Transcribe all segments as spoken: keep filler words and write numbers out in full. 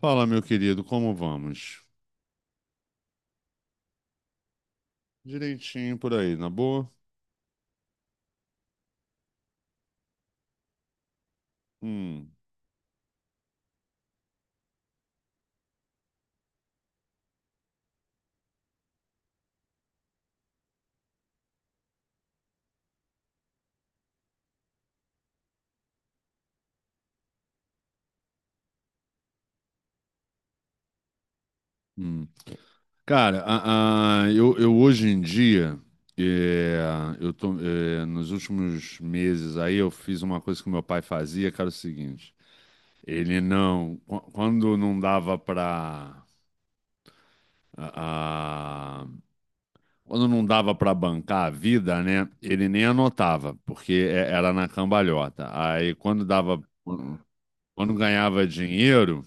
Fala, meu querido, como vamos? Direitinho por aí, na boa? Hum, hum. Cara, a- a- eu, eu hoje em dia, é, eu tô, é, nos últimos meses aí, eu fiz uma coisa que meu pai fazia, que era o seguinte: ele não, qu- quando não dava pra, a- a- quando não dava pra bancar a vida, né, ele nem anotava, porque é- era na cambalhota. Aí quando dava, quando ganhava dinheiro,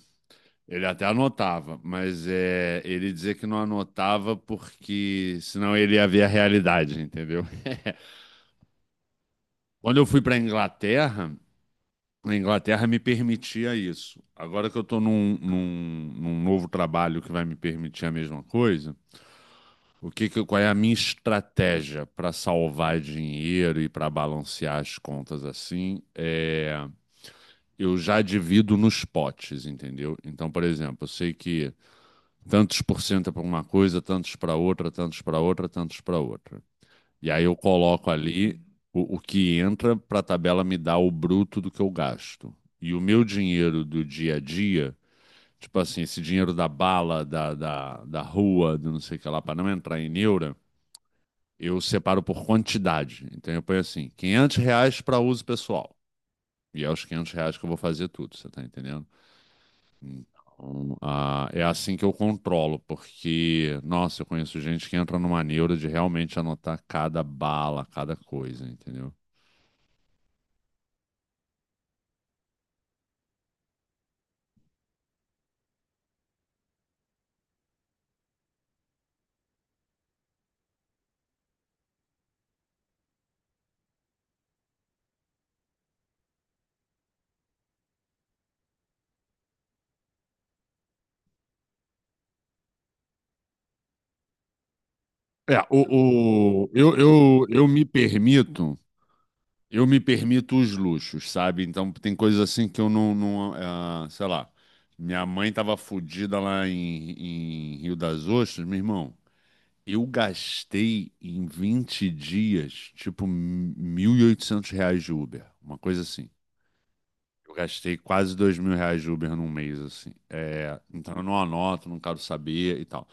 ele até anotava, mas é, ele dizia que não anotava porque senão ele ia ver a realidade, entendeu? Quando eu fui para a Inglaterra, a Inglaterra me permitia isso. Agora que eu estou num, num- num novo trabalho que vai me permitir a mesma coisa, o que que- qual é a minha estratégia para salvar dinheiro e para balancear as contas assim? É, eu já divido nos potes, entendeu? Então, por exemplo, eu sei que tantos por cento para uma coisa, tantos para outra, tantos para outra, tantos para outra. E aí eu coloco ali o, o que entra para a tabela me dar o bruto do que eu gasto. E o meu dinheiro do dia a dia, tipo assim, esse dinheiro da bala, da, da, da rua, do não sei o que lá, para não entrar em neura, eu separo por quantidade. Então eu ponho assim, quinhentos reais para uso pessoal. E é os quinhentos reais que eu vou fazer tudo, você tá entendendo? Então, ah, é assim que eu controlo, porque, nossa, eu conheço gente que entra numa neura de realmente anotar cada bala, cada coisa, entendeu? É, o, o- eu, eu, eu me permito, eu me permito os luxos, sabe? Então tem coisas assim que eu não, não ah, sei lá, minha mãe tava fodida lá em, em Rio das Ostras, meu irmão, eu gastei em vinte dias, tipo, mil e oitocentos reais de Uber, uma coisa assim. Eu gastei quase dois mil reais de Uber num mês, assim. É, então eu não anoto, não quero saber e tal.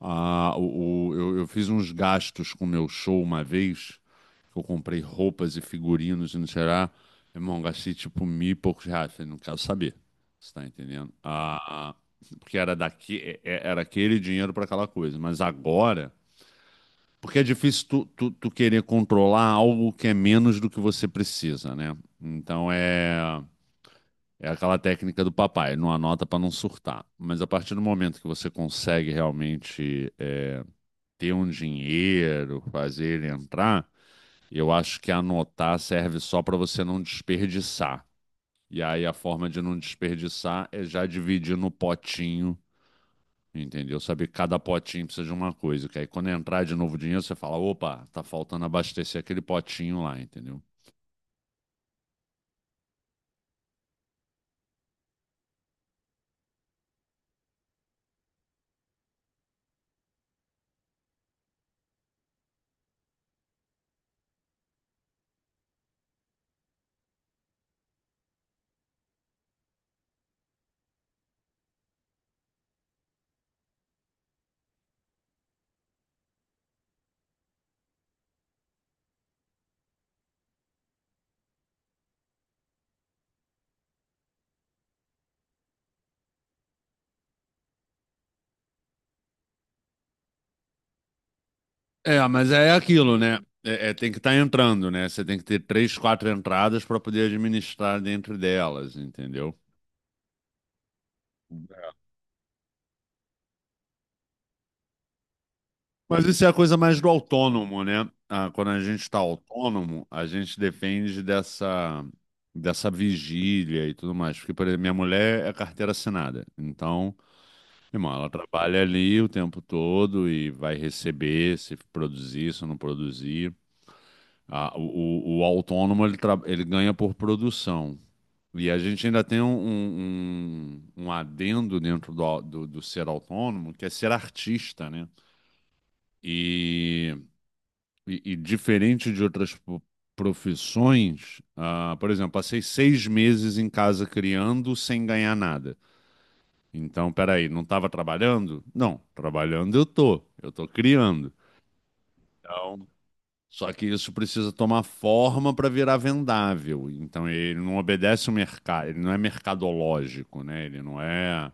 Ah, o, o- eu, eu fiz uns gastos com o meu show uma vez, que eu comprei roupas e figurinos e não sei lá. Irmão, gastei tipo mil e poucos reais. Falei, não quero saber. Você tá entendendo? Ah, porque era daqui, é- é- era aquele dinheiro para aquela coisa. Mas agora, porque é difícil tu, tu, tu querer controlar algo que é menos do que você precisa, né? Então é. É aquela técnica do papai, não anota para não surtar. Mas a partir do momento que você consegue realmente é, ter um dinheiro, fazer ele entrar, eu acho que anotar serve só para você não desperdiçar. E aí a forma de não desperdiçar é já dividir no potinho, entendeu? Saber que cada potinho precisa de uma coisa, que aí quando entrar de novo o dinheiro, você fala, opa, tá faltando abastecer aquele potinho lá, entendeu? É, mas é aquilo, né? É, é, tem que estar entrando, né? Você tem que ter três, quatro entradas para poder administrar dentro delas, entendeu? Mas isso é a coisa mais do autônomo, né? Ah, quando a gente está autônomo, a gente depende dessa, dessa vigília e tudo mais. Porque, por exemplo, minha mulher é carteira assinada. Então, irmão, ela trabalha ali o tempo todo e vai receber se produzir, se não produzir. Ah, o, o- o autônomo, ele, tra- ele ganha por produção. E a gente ainda tem um, um, um um adendo dentro do, au- do, do ser autônomo, que é ser artista, né? E, e, e diferente de outras po- profissões, ah, por exemplo, passei seis meses em casa criando sem ganhar nada. Então, peraí, não estava trabalhando? Não, trabalhando eu tô, eu tô criando. Então, só que isso precisa tomar forma para virar vendável. Então, ele não obedece o mercado, ele não é mercadológico, né? Ele não é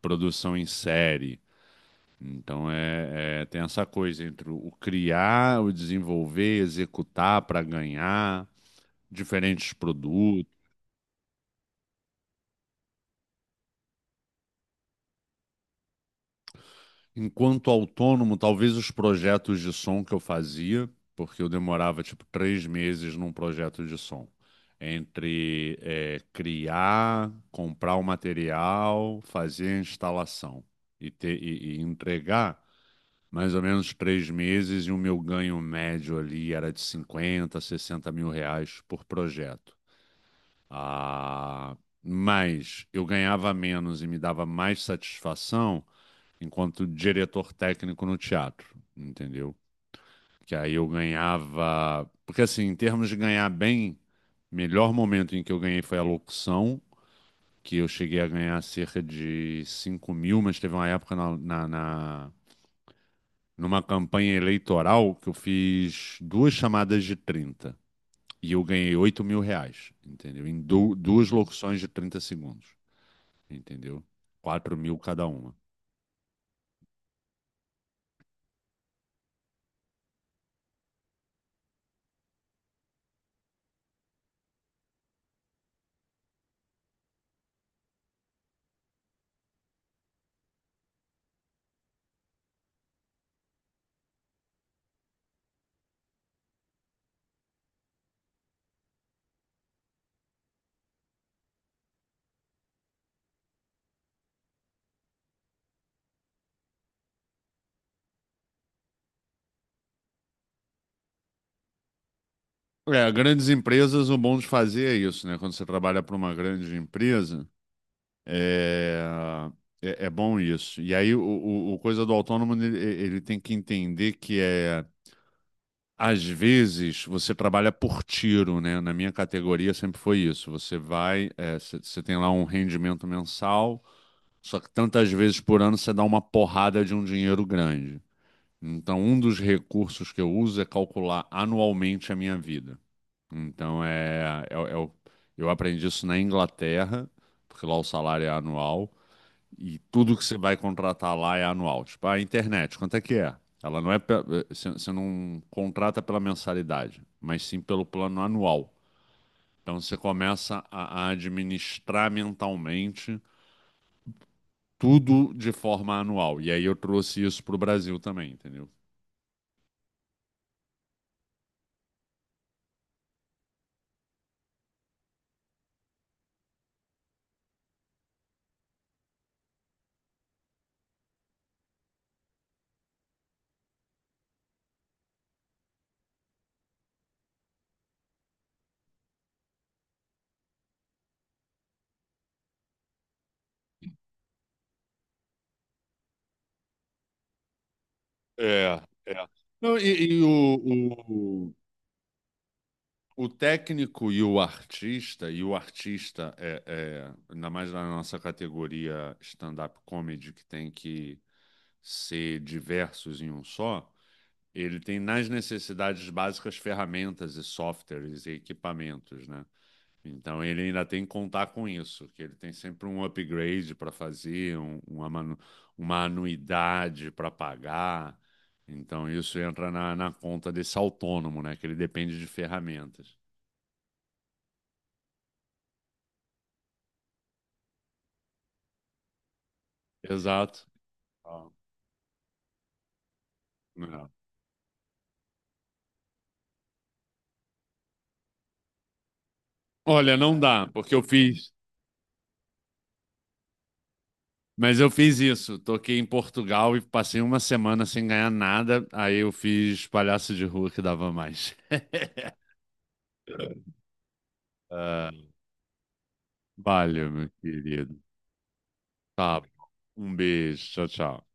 produção em série. Então é, é- tem essa coisa entre o criar, o desenvolver, executar para ganhar diferentes produtos. Enquanto autônomo, talvez os projetos de som que eu fazia, porque eu demorava tipo três meses num projeto de som. Entre é, criar, comprar o material, fazer a instalação e, ter, e e entregar mais ou menos três meses, e o meu ganho médio ali era de cinquenta sessenta mil reais por projeto. Ah, mas eu ganhava menos e me dava mais satisfação enquanto diretor técnico no teatro, entendeu? Que aí eu ganhava. Porque assim, em termos de ganhar bem, o melhor momento em que eu ganhei foi a locução. Que eu cheguei a ganhar cerca de cinco mil, mas teve uma época na, na, na numa campanha eleitoral que eu fiz duas chamadas de trinta e eu ganhei oito mil reais, entendeu? Em du- duas locuções de trinta segundos, entendeu? Quatro mil cada uma. É, grandes empresas, o bom de fazer é isso, né? Quando você trabalha para uma grande empresa, é... É, é bom isso. E aí, o, o, o coisa do autônomo, ele, ele tem que entender que é. Às vezes você trabalha por tiro, né? Na minha categoria sempre foi isso. Você vai, é, você você tem lá um rendimento mensal, só que tantas vezes por ano você dá uma porrada de um dinheiro grande. Então, um dos recursos que eu uso é calcular anualmente a minha vida. Então, é, é, é o- eu aprendi isso na Inglaterra, porque lá o salário é anual e tudo que você vai contratar lá é anual. Tipo, a internet, quanto é que é? Ela não é. Pe- eh, Você você não contrata pela mensalidade, mas sim pelo plano anual. Então você começa a a administrar mentalmente tudo de forma anual. E aí eu trouxe isso para o Brasil também, entendeu? É, é. Não, e, e o, o, o técnico e o artista, e o artista é, é, ainda mais na nossa categoria stand-up comedy, que tem que ser diversos em um só, ele tem nas necessidades básicas ferramentas e softwares e equipamentos, né? Então ele ainda tem que contar com isso, que ele tem sempre um upgrade para fazer, um- uma, manu- uma anuidade para pagar. Então isso entra na, na conta desse autônomo, né? Que ele depende de ferramentas. Exato. Ah, é. Olha, não dá, porque eu fiz. Mas eu fiz isso. Toquei em Portugal e passei uma semana sem ganhar nada. Aí eu fiz palhaço de rua que dava mais. Ah, valeu, meu querido. Tá bom. Um beijo. Tchau, tchau.